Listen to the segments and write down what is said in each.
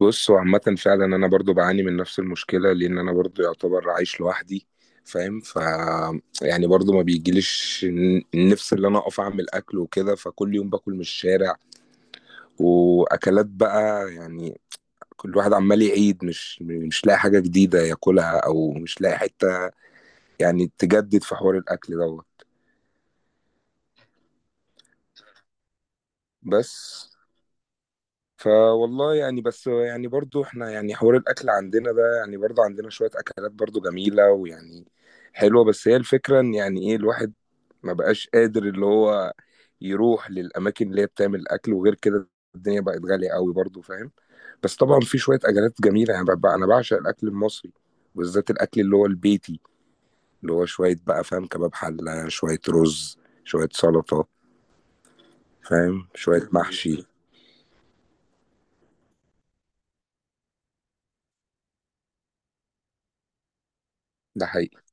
بص هو عامة فعلا أنا برضو بعاني من نفس المشكلة لأن أنا برضو يعتبر عايش لوحدي فاهم. يعني برضو ما بيجيليش النفس اللي أنا أقف أعمل أكل وكده، فكل يوم باكل من الشارع وأكلات بقى يعني. كل واحد عمال يعيد، مش لاقي حاجة جديدة ياكلها أو مش لاقي حتة يعني تجدد في حوار الأكل دوت. بس فوالله يعني، بس يعني برضو احنا يعني حوار الاكل عندنا ده يعني برضو عندنا شوية اكلات برضو جميلة ويعني حلوة. بس هي الفكرة ان يعني ايه الواحد ما بقاش قادر اللي هو يروح للاماكن اللي هي بتعمل اكل وغير كده. الدنيا بقت غالية قوي برضو فاهم. بس طبعا في شوية اكلات جميلة يعني، ببقى انا بعشق الاكل المصري، وبالذات الاكل اللي هو البيتي، اللي هو شوية بقى فاهم، كباب حلة شوية رز شوية سلطة، فاهم، شوية محشي. ده حقيقي.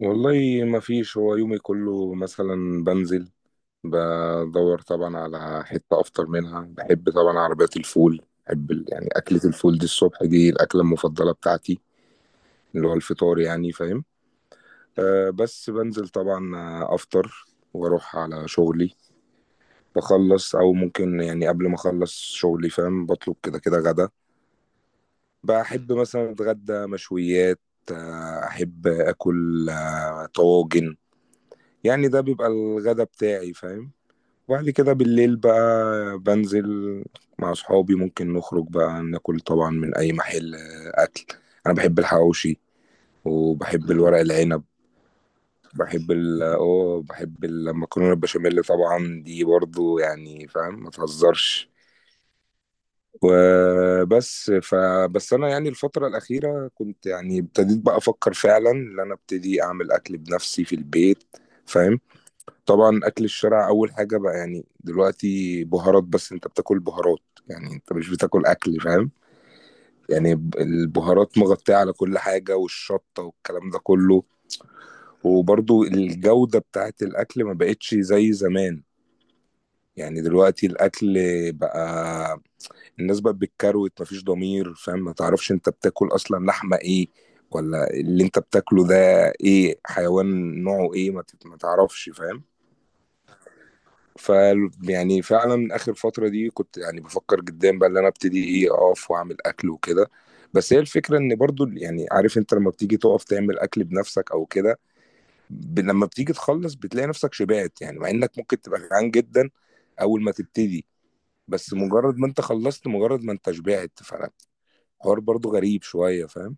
والله ما فيش، هو يومي كله مثلا بنزل بدور طبعا على حتة أفطر منها. بحب طبعا عربيات الفول، بحب يعني أكلة الفول دي الصبح، دي الأكلة المفضلة بتاعتي، اللي هو الفطار يعني، فاهم. أه بس بنزل طبعا، أفطر وأروح على شغلي، بخلص، أو ممكن يعني قبل ما أخلص شغلي فاهم بطلب كده كده غدا. بحب مثلا أتغدى مشويات، أحب أكل طواجن. يعني ده بيبقى الغدا بتاعي فاهم. وبعد كده بالليل بقى بنزل مع صحابي ممكن نخرج بقى ناكل طبعا من أي محل، أكل. أنا بحب الحواوشي وبحب الورق العنب. بحب ال اه بحب المكرونة البشاميل طبعا، دي برضو يعني فاهم ما تهزرش. وبس انا يعني الفترة الأخيرة كنت يعني ابتديت بقى أفكر فعلا إن أنا ابتدي أعمل أكل بنفسي في البيت فاهم. طبعا اكل الشارع، اول حاجه بقى يعني دلوقتي بهارات. بس انت بتاكل بهارات، يعني انت مش بتاكل اكل فاهم. يعني البهارات مغطيه على كل حاجه، والشطه والكلام ده كله. وبرضو الجوده بتاعت الاكل ما بقتش زي زمان. يعني دلوقتي الاكل بقى الناس بقت بالكروت، مفيش ضمير فاهم. ما تعرفش انت بتاكل اصلا لحمه ايه، ولا اللي انت بتاكله ده ايه، حيوان نوعه ايه، ما تعرفش فاهم. ف يعني فعلًا آخر فترة دي كنت يعني بافكّر جديًا بقى إن أنا أبتدي، أقف وأعمل أكل وكده. بس هي الفكرة إن برضه ال يعني، عارف أنت لمّا بتيجي تُقف تعمل أكل بنَفْسك أو كده، ب لمّا بتيجي تخلّص بتلاقي نَفْسك شبعت، يعني مع إنّك ممكن تبقى جعان جدًا أول ما تبتدي. بس مجرّد ما أنت خلّصت، مجرّد ما أنت شبعت، فالحوار برضه غريب شوية فاهم؟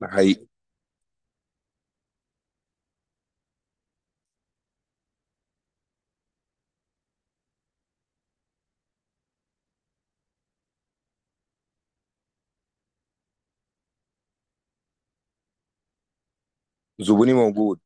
ده حقيقي. زبوني موجود.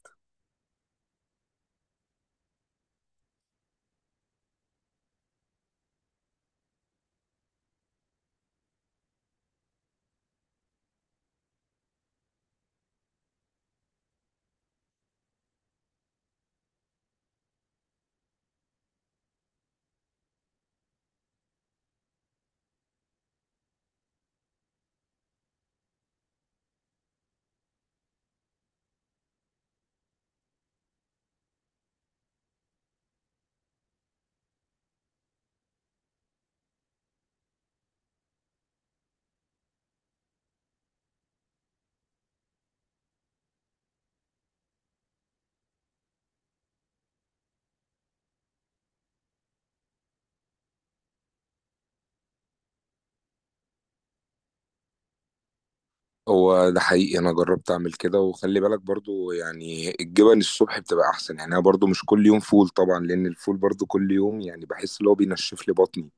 هو ده حقيقي، انا جربت اعمل كده. وخلي بالك برضو يعني الجبن الصبح بتبقى احسن. يعني انا برضو مش كل يوم فول، طبعا لان الفول برضو كل يوم يعني بحس ان هو بينشف لي بطني.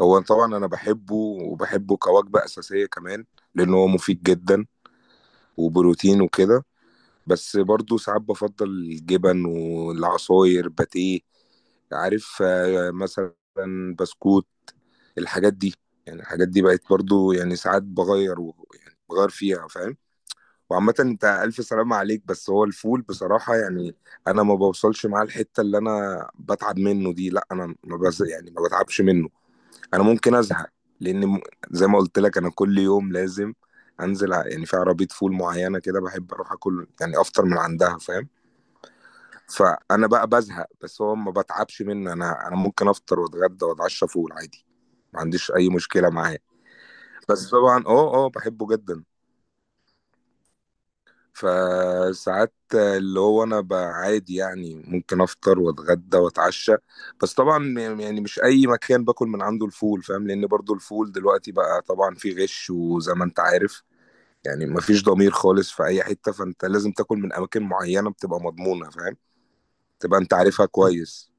هو طبعا انا بحبه وبحبه كوجبة اساسية كمان، لان هو مفيد جدا وبروتين وكده. بس برضو ساعات بفضل الجبن والعصاير باتيه، عارف، مثلا بسكوت، الحاجات دي. يعني الحاجات دي بقت برضو يعني ساعات بغير يعني بغير فيها فاهم. وعامة انت ألف سلامة عليك. بس هو الفول بصراحة يعني أنا ما بوصلش معاه الحتة اللي أنا بتعب منه دي، لا أنا ما بز يعني ما بتعبش منه. أنا ممكن أزهق لأن، زي ما قلت لك أنا كل يوم لازم أنزل، يعني في عربية فول معينة كده بحب أروح أكل، يعني أفطر من عندها فاهم. فأنا بقى بزهق بس هو ما بتعبش منه. أنا ممكن أفطر وأتغدى وأتعشى فول عادي، ما عنديش أي مشكلة معاه. بس طبعا أه بحبه جدا. فساعات اللي هو انا بقى عادي يعني ممكن افطر واتغدى واتعشى. بس طبعا يعني مش اي مكان باكل من عنده الفول فاهم، لان برضو الفول دلوقتي بقى طبعا فيه غش، وزي ما انت عارف يعني مفيش ضمير خالص في اي حتة. فانت لازم تاكل من اماكن معينة بتبقى مضمونة فاهم، تبقى انت عارفها كويس.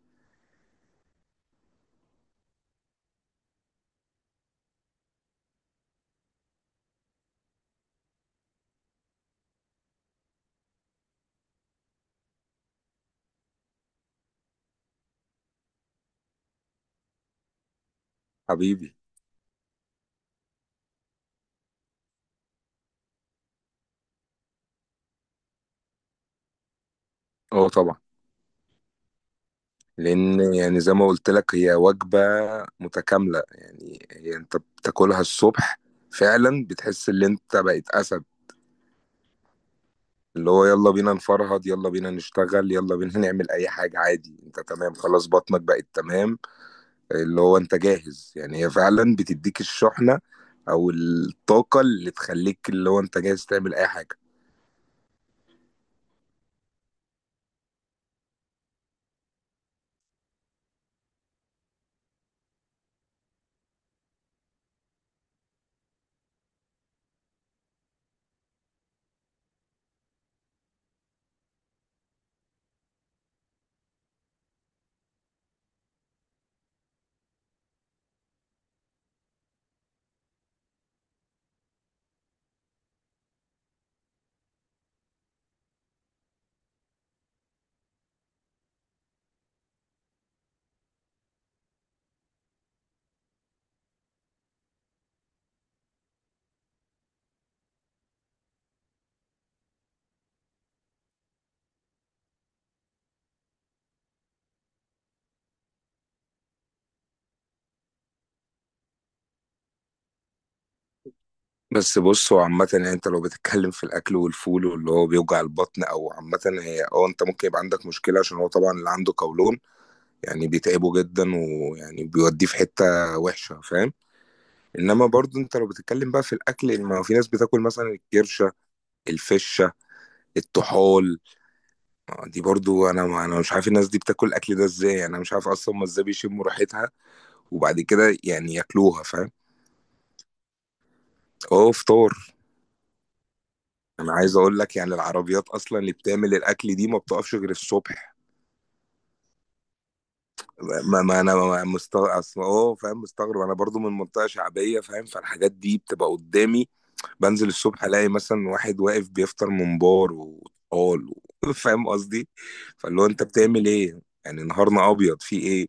حبيبي. اه طبعا. لان يعني زي ما قلت لك هي وجبة متكاملة. يعني هي انت بتاكلها الصبح فعلا بتحس ان انت بقيت اسد، اللي هو يلا بينا نفرهد، يلا بينا نشتغل، يلا بينا نعمل اي حاجة عادي. انت تمام، خلاص بطنك بقت تمام، اللي هو انت جاهز. يعني هي فعلا بتديك الشحنة او الطاقة اللي تخليك اللي هو انت جاهز تعمل اي حاجة. بس بص، هو عامة يعني انت لو بتتكلم في الاكل والفول واللي هو بيوجع البطن، او عامة هي اه انت ممكن يبقى عندك مشكلة عشان هو طبعا اللي عنده قولون يعني بيتعبه جدا، ويعني بيوديه في حتة وحشة فاهم. انما برضو انت لو بتتكلم بقى في الاكل، يعني ما هو في ناس بتاكل مثلا الكرش، الفشة، الطحال، دي برضه أنا، ما أنا مش عارف الناس دي بتاكل الأكل ده إزاي، يعني أنا مش عارف أصلًا هُم إزاي بيشمّوا ريحتها وبعد كده يعني ياكلوها فاهم؟ آه فطار. أنا عايز أقول لك يعني العربيات أصلًا اللي بتعمل الأكل دي ما بتقفش غير الصبح. ما ما أنا ما مست أصل آه فاهم، مستغرب أنا برضه من منطقة شعبية فاهم. فالحاجات دي بتبقى قدّامي، بانزل الصبح ألاقي مثلًا واحد واقف بيفطر ممبار وطحال فاهم قصدي؟ فاللي هو أنت بتعمل إيه؟ يعني نهارنا أبيض في إيه؟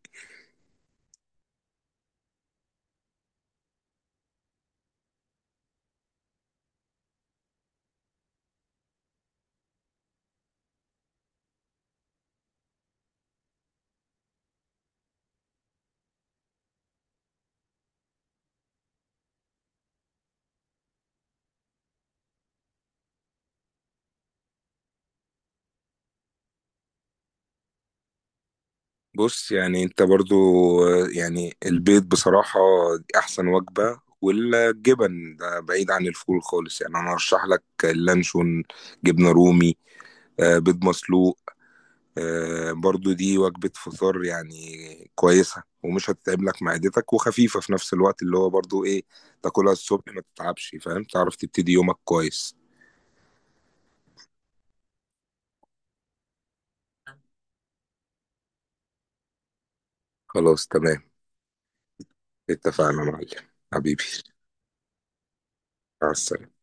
بص يعني انت برضو، يعني البيض بصراحة دي احسن وجبة. والجبن ده بعيد عن الفول خالص. يعني انا ارشح لك اللانشون، جبنة رومي، بيض مسلوق، برضو دي وجبة فطار يعني كويسة، ومش هتتعب لك معدتك، وخفيفة في نفس الوقت اللي هو برضو ايه، تاكلها الصبح ما تتعبش فاهم. تعرف تبتدي يومك كويس. خلاص تمام. اتفقنا يا معلم. حبيبي مع السلامة.